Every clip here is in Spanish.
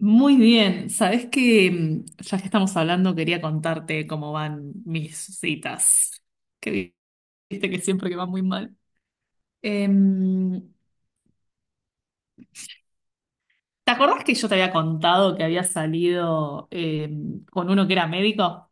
Muy bien, sabes que ya que estamos hablando, quería contarte cómo van mis citas, que viste que siempre que van muy mal. Em, ¿Te acordás que yo te había contado que había salido con uno que era médico?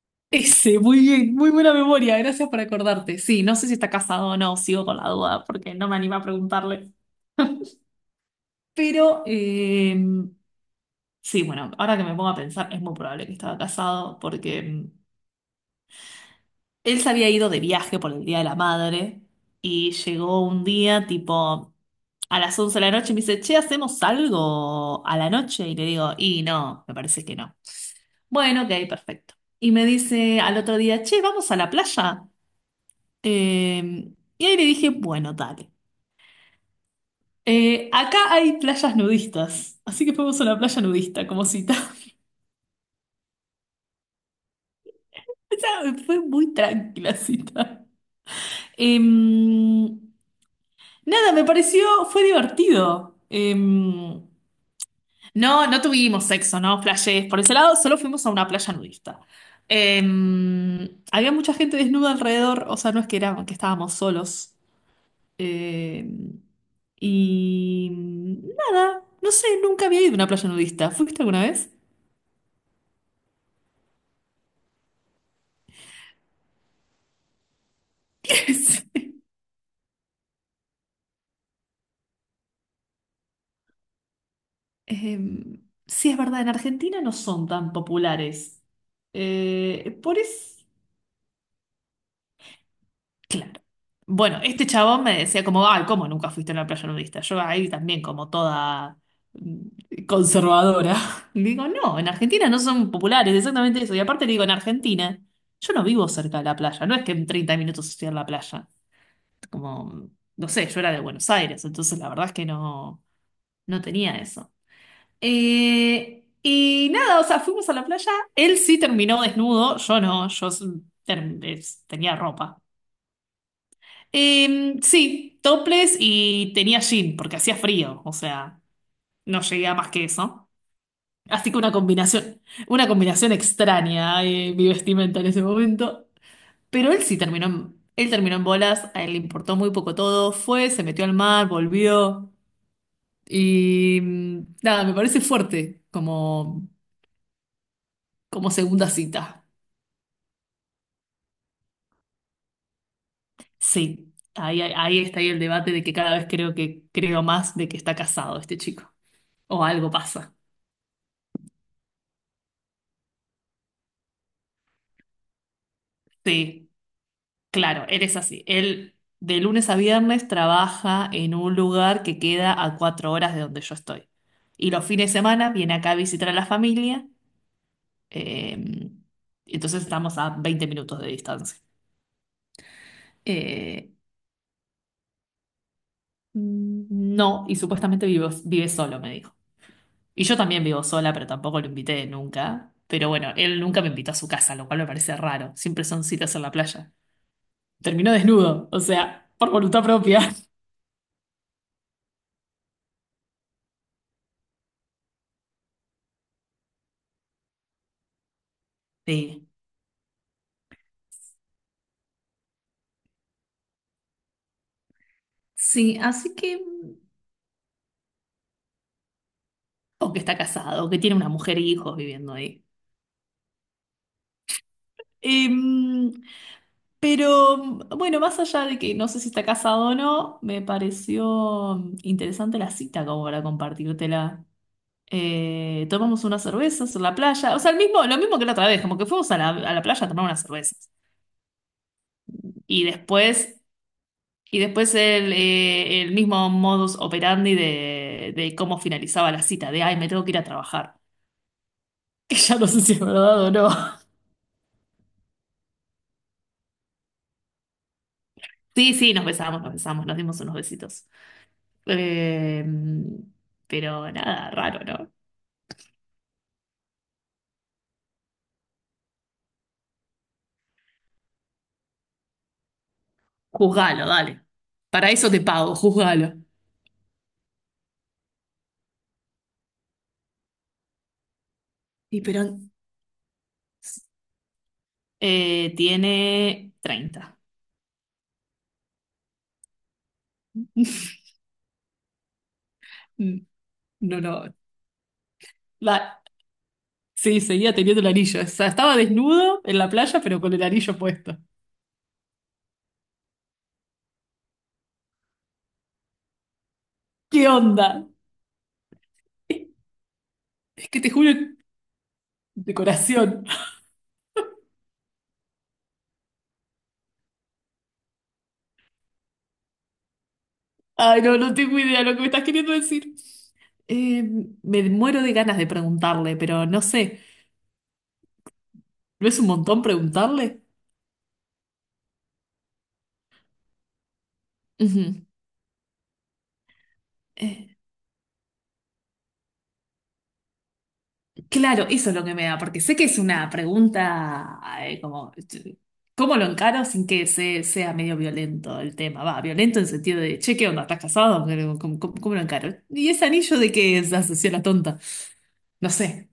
Ese, muy bien, muy buena memoria, gracias por acordarte. Sí, no sé si está casado o no, sigo con la duda porque no me anima a preguntarle. Pero sí, bueno, ahora que me pongo a pensar, es muy probable que estaba casado porque él se había ido de viaje por el Día de la Madre y llegó un día tipo a las 11 de la noche y me dice, che, ¿hacemos algo a la noche? Y le digo, y no, me parece que no. Bueno, ok, perfecto. Y me dice al otro día, che, ¿vamos a la playa? Y ahí le dije, bueno, dale. Acá hay playas nudistas, así que fuimos a la playa nudista como cita. O sea, fue muy tranquila cita. Em, Nada, me pareció, fue divertido. No, no tuvimos sexo, no flashés. Por ese lado, solo fuimos a una playa nudista. Había mucha gente desnuda alrededor, o sea, no es que era, que estábamos solos. Em, y nada, no sé, nunca había ido a una playa nudista. ¿Fuiste alguna vez? Sí. Sí, es verdad, en Argentina no son tan populares. Por eso. Claro. Bueno, este chabón me decía como, ay, ¿cómo nunca fuiste a una playa nudista? Yo ahí también como toda conservadora. Le digo, no, en Argentina no son populares, exactamente eso. Y aparte le digo, en Argentina, yo no vivo cerca de la playa, no es que en 30 minutos estoy en la playa. Como, no sé, yo era de Buenos Aires, entonces la verdad es que no, no tenía eso. Y nada, o sea, fuimos a la playa, él sí terminó desnudo, yo no, yo tenía ropa. Sí, topless y tenía jean porque hacía frío, o sea, no llegué a más que eso. Así que una combinación extraña, mi vestimenta en ese momento. Pero él sí terminó, él terminó en bolas, a él le importó muy poco todo, fue, se metió al mar, volvió y nada, me parece fuerte como, como segunda cita. Sí, ahí está ahí el debate de que cada vez creo que creo más de que está casado este chico o algo pasa. Sí. Claro, él es así. Él de lunes a viernes trabaja en un lugar que queda a 4 horas de donde yo estoy. Y los fines de semana viene acá a visitar a la familia. eh, entonces estamos a 20 minutos de distancia. Eh, no, y supuestamente vive solo, me dijo. Y yo también vivo sola, pero tampoco lo invité nunca. Pero bueno, él nunca me invitó a su casa, lo cual me parece raro. Siempre son citas en la playa. Terminó desnudo, o sea, por voluntad propia. Sí. Sí, así que. O que está casado, o que tiene una mujer y hijos viviendo ahí. Em, pero bueno, más allá de que no sé si está casado o no, me pareció interesante la cita como para compartírtela. Tomamos unas cervezas en la playa, o sea, el mismo, lo mismo que la otra vez, como que fuimos a la playa a tomar unas cervezas. Y después, y después el mismo modus operandi de cómo finalizaba la cita, de, ay, me tengo que ir a trabajar, que ya no sé si es verdad o no. Sí, sí, nos besamos, nos besamos, nos dimos unos besitos. Eh, pero nada, raro, ¿no? Juzgalo, dale. Para eso te pago, juzgalo. Y pero tiene 30. Mm. No, no. La- Sí, seguía teniendo el anillo. O sea, estaba desnudo en la playa, pero con el anillo puesto. ¿Qué onda? Es que te juro, decoración. Ay, no, no tengo idea de lo que me estás queriendo decir. Eh, Me muero de ganas de preguntarle, pero no sé. ¿No es un montón preguntarle? Ujú. Eh, claro, eso es lo que me da, porque sé que es una pregunta como, ¿cómo lo encaro sin que sea medio violento el tema? Va, violento en sentido de, che, ¿qué onda? ¿Estás casado? Pero, ¿ cómo lo encaro? ¿Y ese anillo de qué es? Asocié a la tonta. No sé.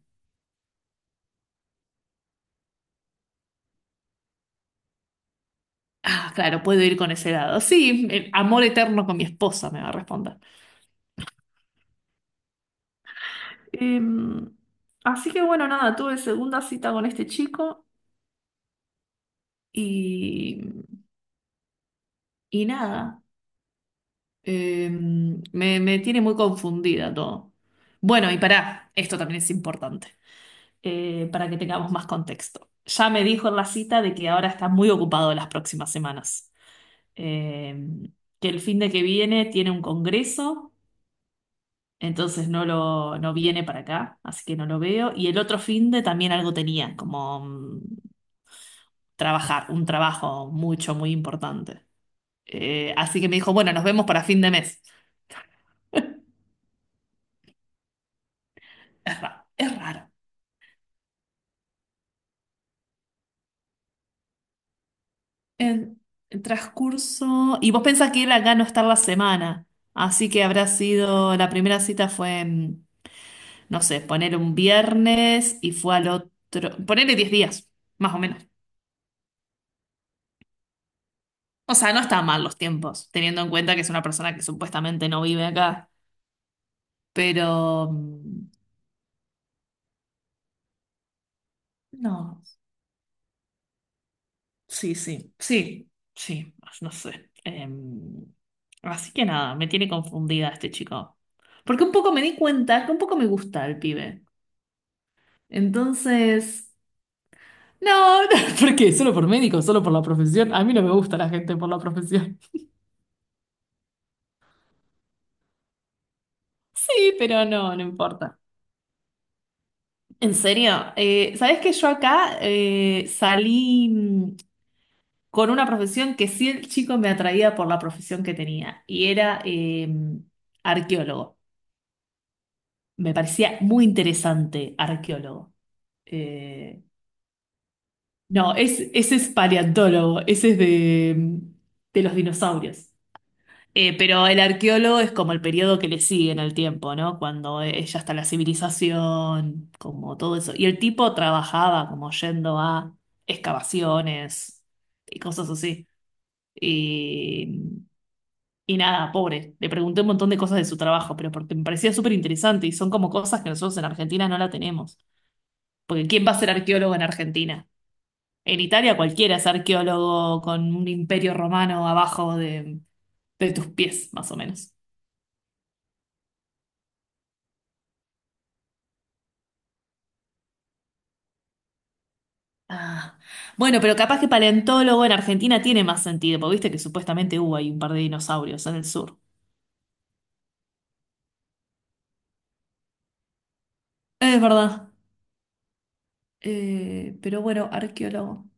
Ah, claro, puedo ir con ese lado. Sí, el amor eterno con mi esposa me va a responder. Em, Así que bueno, nada, tuve segunda cita con este chico y, y nada. Eh, Me, me tiene muy confundida todo. Bueno, y pará, esto también es importante, para que tengamos más contexto. Ya me dijo en la cita de que ahora está muy ocupado las próximas semanas. Eh, que el fin de que viene tiene un congreso, entonces no lo, no viene para acá, así que no lo veo. Y el otro fin de también algo tenía, como trabajar, un trabajo mucho, muy importante. Así que me dijo, bueno, nos vemos para fin de mes. Es raro, es raro. En el transcurso. Y vos pensás que él acá no está la semana. Así que habrá sido. La primera cita fue, en, no sé, poner un viernes y fue al otro. Ponerle 10 días, más o menos. O sea, no están mal los tiempos, teniendo en cuenta que es una persona que supuestamente no vive acá. Pero. No. Sí, sí. Sí, sí. No sé. Así que nada, me tiene confundida este chico. Porque un poco me di cuenta que un poco me gusta el pibe. Entonces, no, no, ¿por qué? ¿Solo por médico? ¿Solo por la profesión? A mí no me gusta la gente por la profesión. Sí, pero no, no importa. En serio, ¿sabés que yo acá salí con una profesión que sí el chico me atraía por la profesión que tenía y era arqueólogo. Me parecía muy interesante arqueólogo. Eh, no, ese es paleontólogo, ese es de, de los dinosaurios. Pero el arqueólogo es como el periodo que le sigue en el tiempo, ¿no? Cuando ya está la civilización, como todo eso. Y el tipo trabajaba como yendo a excavaciones y cosas así. Y, y nada, pobre. Le pregunté un montón de cosas de su trabajo, pero porque me parecía súper interesante y son como cosas que nosotros en Argentina no la tenemos. Porque ¿quién va a ser arqueólogo en Argentina? En Italia cualquiera es arqueólogo con un imperio romano abajo de tus pies, más o menos. Ah, bueno, pero capaz que paleontólogo en Argentina tiene más sentido, porque viste que supuestamente hubo ahí un par de dinosaurios en el sur. Es verdad. Pero bueno, arqueólogo.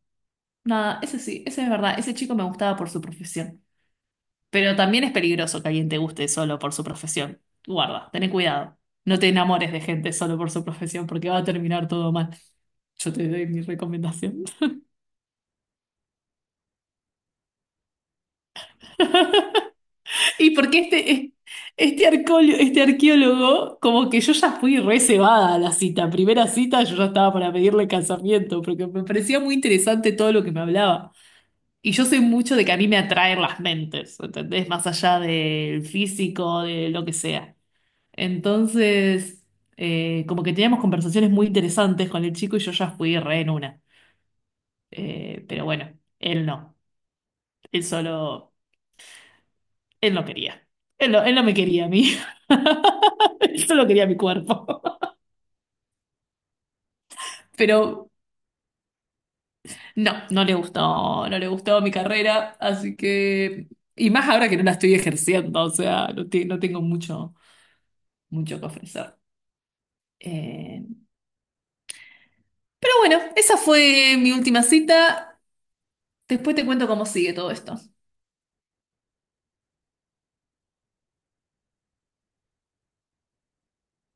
Nada, ese sí, ese es verdad. Ese chico me gustaba por su profesión. Pero también es peligroso que alguien te guste solo por su profesión. Guarda, tené cuidado. No te enamores de gente solo por su profesión, porque va a terminar todo mal. Yo te doy mi recomendación. Y porque este arqueólogo, este arqueólogo, como que yo ya fui re cebada a la cita. Primera cita yo ya estaba para pedirle casamiento, porque me parecía muy interesante todo lo que me hablaba. Y yo soy mucho de que a mí me atraen las mentes, ¿entendés? Más allá del físico, de lo que sea. Entonces, como que teníamos conversaciones muy interesantes con el chico y yo ya fui re en una. Pero bueno, él no. Él solo. Él no quería. Él no me quería a mí. Él solo quería mi cuerpo. Pero no, no le gustó, no le gustó mi carrera, así que... Y más ahora que no la estoy ejerciendo, o sea, no, no tengo mucho, mucho que ofrecer. Eh, pero bueno, esa fue mi última cita. Después te cuento cómo sigue todo esto.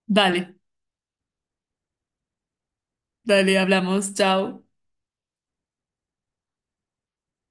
Dale, dale, hablamos, chao.